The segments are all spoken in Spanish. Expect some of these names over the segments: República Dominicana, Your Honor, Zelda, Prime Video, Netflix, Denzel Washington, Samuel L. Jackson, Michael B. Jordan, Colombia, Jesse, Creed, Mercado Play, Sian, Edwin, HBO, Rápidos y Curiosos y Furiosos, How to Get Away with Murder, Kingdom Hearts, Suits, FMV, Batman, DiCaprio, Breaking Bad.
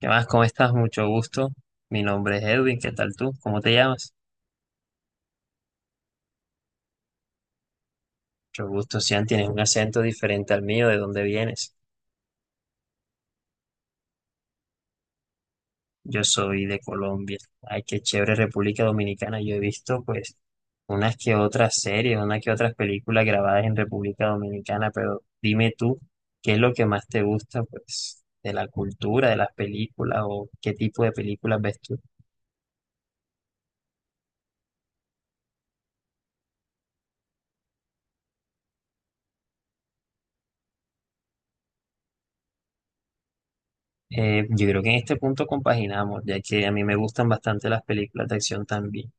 ¿Qué más? ¿Cómo estás? Mucho gusto. Mi nombre es Edwin. ¿Qué tal tú? ¿Cómo te llamas? Mucho gusto, Sian. Tienes un acento diferente al mío. ¿De dónde vienes? Yo soy de Colombia. Ay, qué chévere República Dominicana. Yo he visto, pues, unas que otras series, unas que otras películas grabadas en República Dominicana, pero dime tú, ¿qué es lo que más te gusta, pues, de la cultura, de las películas o qué tipo de películas ves tú? Yo creo que en este punto compaginamos, ya que a mí me gustan bastante las películas de acción también.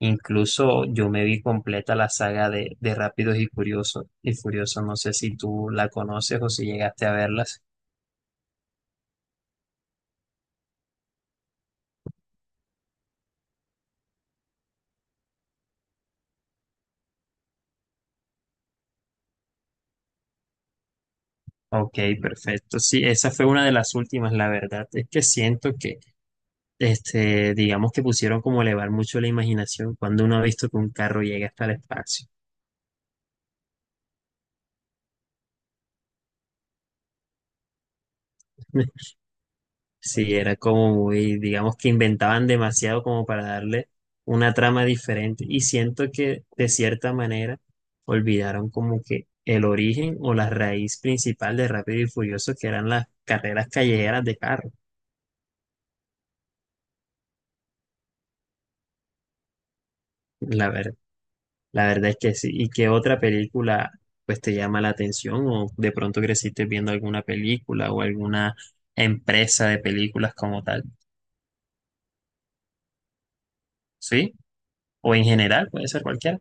Incluso yo me vi completa la saga de Rápidos y Curiosos y Furiosos. No sé si tú la conoces o si llegaste a verlas. Ok, perfecto. Sí, esa fue una de las últimas, la verdad. Es que siento que, este, digamos que pusieron como a elevar mucho la imaginación cuando uno ha visto que un carro llega hasta el espacio. Sí, era como muy, digamos que inventaban demasiado como para darle una trama diferente. Y siento que de cierta manera olvidaron como que el origen o la raíz principal de Rápido y Furioso, que eran las carreras callejeras de carro. La ver- la verdad es que sí. ¿Y qué otra película pues te llama la atención? O de pronto creciste viendo alguna película o alguna empresa de películas como tal. ¿Sí? O en general, puede ser cualquiera.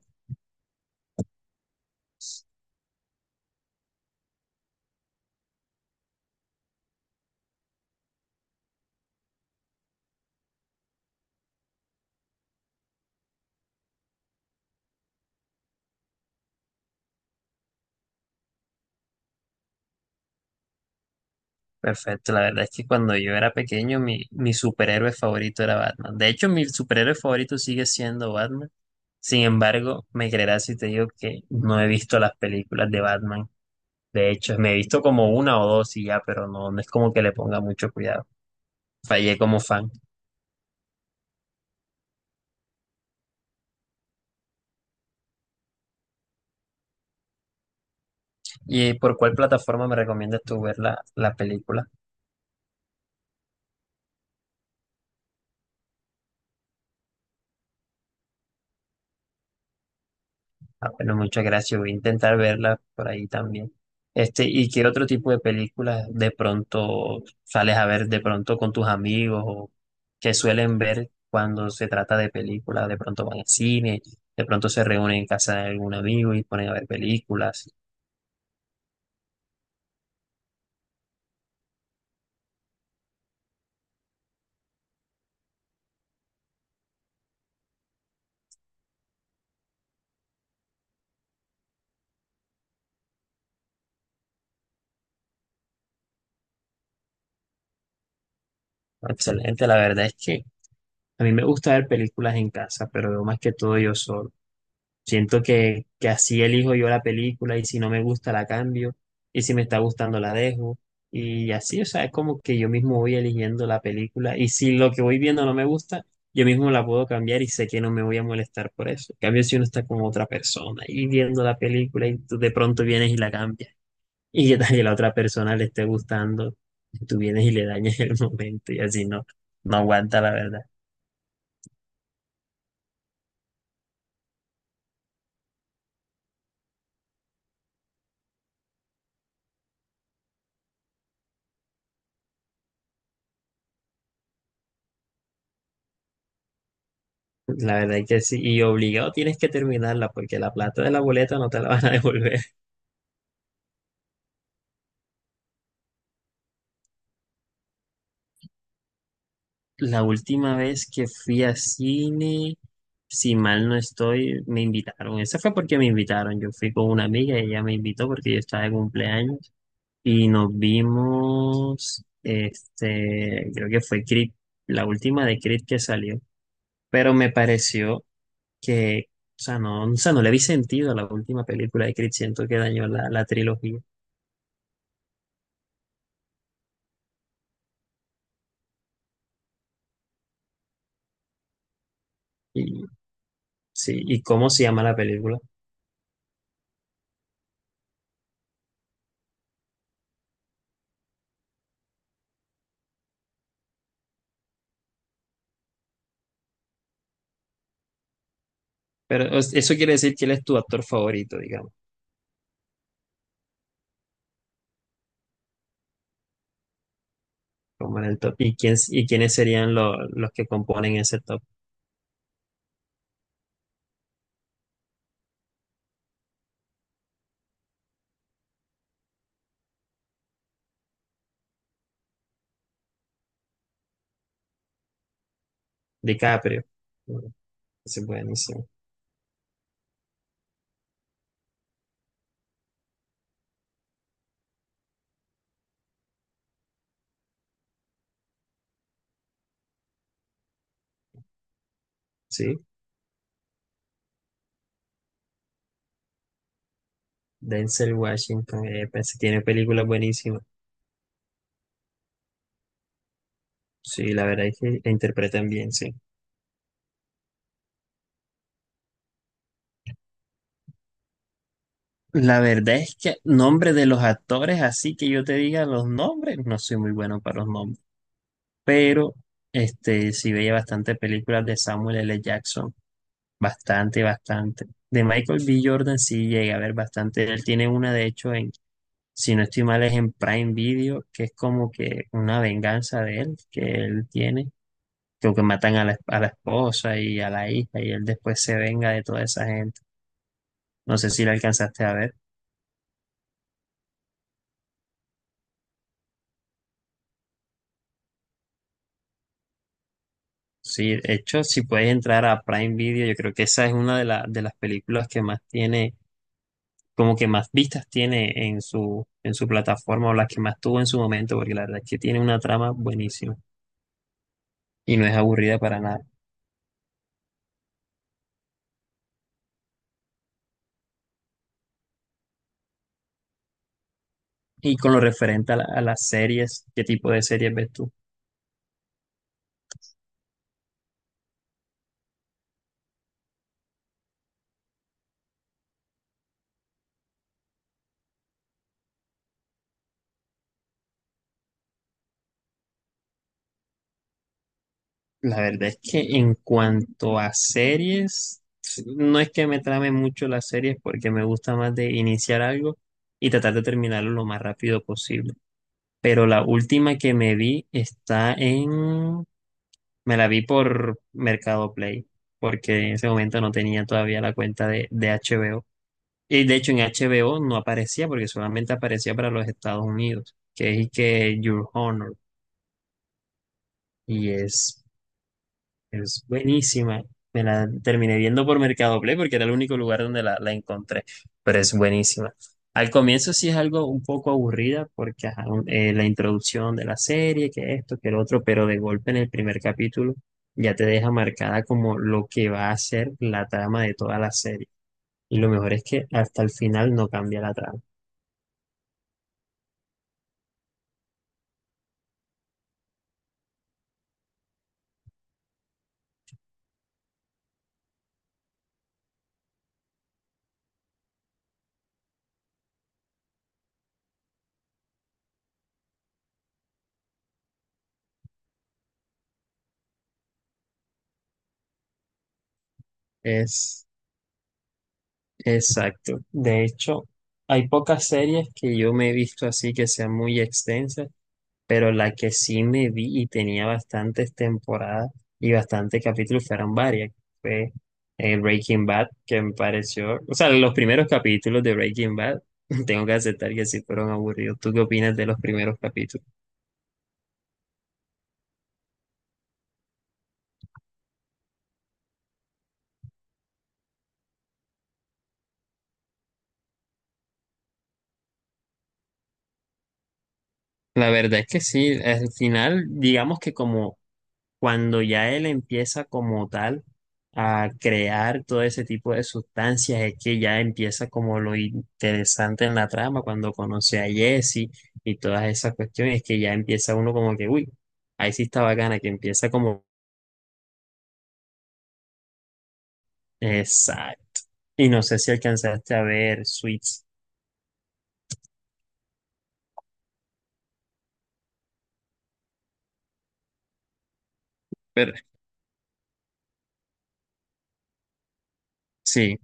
Perfecto, la verdad es que cuando yo era pequeño mi superhéroe favorito era Batman. De hecho, mi superhéroe favorito sigue siendo Batman. Sin embargo, me creerás si te digo que no he visto las películas de Batman. De hecho, me he visto como una o dos y ya, pero no, no es como que le ponga mucho cuidado. Fallé como fan. ¿Y por cuál plataforma me recomiendas tú ver la película? Ah, bueno, muchas gracias. Voy a intentar verla por ahí también. Este, ¿y qué otro tipo de películas de pronto sales a ver de pronto con tus amigos o que suelen ver cuando se trata de películas? De pronto van al cine, de pronto se reúnen en casa de algún amigo y ponen a ver películas. Excelente, la verdad es que a mí me gusta ver películas en casa, pero veo más que todo yo solo. Siento que así elijo yo la película y si no me gusta la cambio y si me está gustando la dejo y así, o sea, es como que yo mismo voy eligiendo la película y si lo que voy viendo no me gusta, yo mismo la puedo cambiar y sé que no me voy a molestar por eso. En cambio, si uno está con otra persona y viendo la película y tú de pronto vienes y la cambias y que tal que la otra persona le esté gustando, tú vienes y le dañas el momento y así no, no aguanta la verdad. La verdad es que sí, y obligado tienes que terminarla porque la plata de la boleta no te la van a devolver. La última vez que fui a cine, si mal no estoy, me invitaron. Esa fue porque me invitaron. Yo fui con una amiga y ella me invitó porque yo estaba de cumpleaños y nos vimos, este, creo que fue Creed, la última de Creed que salió, pero me pareció que, o sea, no le vi sentido a la última película de Creed, siento que dañó la trilogía. Sí, ¿y cómo se llama la película? Pero o sea, eso quiere decir quién es tu actor favorito, digamos, como en el top. ¿Y quién, y quiénes serían los que componen ese top? DiCaprio. Bueno, ese es buenísimo. Sí, Denzel Washington, pues, tiene películas buenísimas. Sí, la verdad es que la interpretan bien, sí. La verdad es que nombre de los actores, así que yo te diga los nombres, no soy muy bueno para los nombres. Pero este sí veía bastante películas de Samuel L. Jackson. Bastante, bastante. De Michael B. Jordan sí llega a ver bastante. Él tiene una, de hecho, en, si no estoy mal, es en Prime Video, que es como que una venganza de él, que él tiene, creo que matan a la esposa y a la hija, y él después se venga de toda esa gente. No sé si la alcanzaste a ver. Sí, de hecho, si puedes entrar a Prime Video, yo creo que esa es una de, de las películas que más tiene, como que más vistas tiene en su plataforma o las que más tuvo en su momento, porque la verdad es que tiene una trama buenísima y no es aburrida para nada. Y con lo referente a, a las series, ¿qué tipo de series ves tú? La verdad es que en cuanto a series, no es que me trame mucho las series porque me gusta más de iniciar algo y tratar de terminarlo lo más rápido posible. Pero la última que me vi está en... Me la vi por Mercado Play, porque en ese momento no tenía todavía la cuenta de HBO. Y de hecho en HBO no aparecía porque solamente aparecía para los Estados Unidos, que es que Your Honor. Y es, es buenísima. Me la terminé viendo por Mercado Play porque era el único lugar donde la encontré, pero es buenísima. Al comienzo sí es algo un poco aburrida porque ajá, la introducción de la serie, que esto, que el otro, pero de golpe en el primer capítulo ya te deja marcada como lo que va a ser la trama de toda la serie. Y lo mejor es que hasta el final no cambia la trama. Es Exacto. De hecho, hay pocas series que yo me he visto así que sean muy extensas, pero la que sí me vi y tenía bastantes temporadas y bastantes capítulos fueron varias. Fue Breaking Bad, que me pareció, o sea, los primeros capítulos de Breaking Bad, tengo que aceptar que sí fueron aburridos. ¿Tú qué opinas de los primeros capítulos? La verdad es que sí, al final, digamos que como cuando ya él empieza como tal a crear todo ese tipo de sustancias, es que ya empieza como lo interesante en la trama, cuando conoce a Jesse y todas esas cuestiones, que ya empieza uno como que, uy, ahí sí está bacana, que empieza como, exacto. Y no sé si alcanzaste a ver Suits. Pero sí.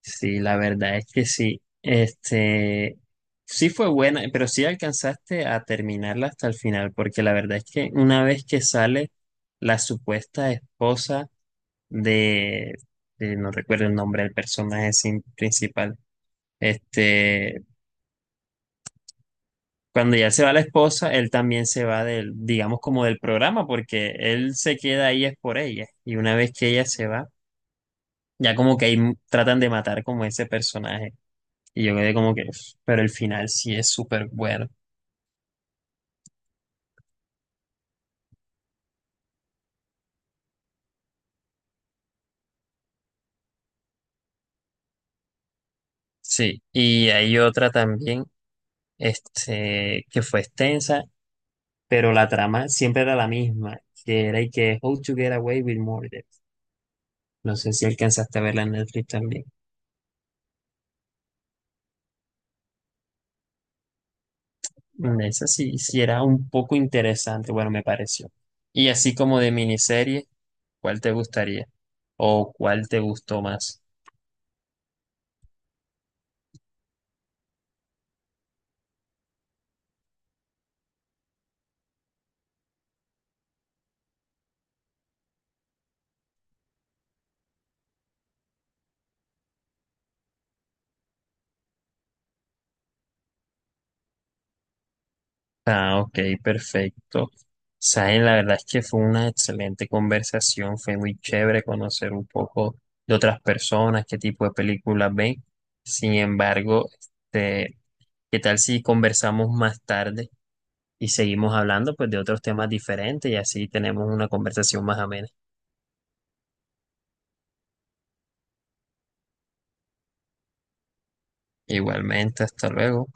Sí, la verdad es que sí. Este, sí fue buena, pero sí alcanzaste a terminarla hasta el final, porque la verdad es que una vez que sale la supuesta esposa de, no recuerdo el nombre del personaje principal, este, cuando ya se va la esposa, él también se va del, digamos como del programa, porque él se queda ahí es por ella, y una vez que ella se va, ya como que ahí tratan de matar como ese personaje. Y yo quedé como que, "Uf", pero el final sí es súper bueno. Sí, y hay otra también, este, que fue extensa, pero la trama siempre era la misma, que era y que How to Get Away with Murder. No sé si alcanzaste a verla en Netflix también. Mm, esa sí, sí era un poco interesante, bueno, me pareció. Y así como de miniserie, ¿cuál te gustaría? ¿O cuál te gustó más? Ah, ok, perfecto. Saben, la verdad es que fue una excelente conversación, fue muy chévere conocer un poco de otras personas, qué tipo de películas ven. Sin embargo, este, ¿qué tal si conversamos más tarde y seguimos hablando pues de otros temas diferentes y así tenemos una conversación más amena? Igualmente, hasta luego.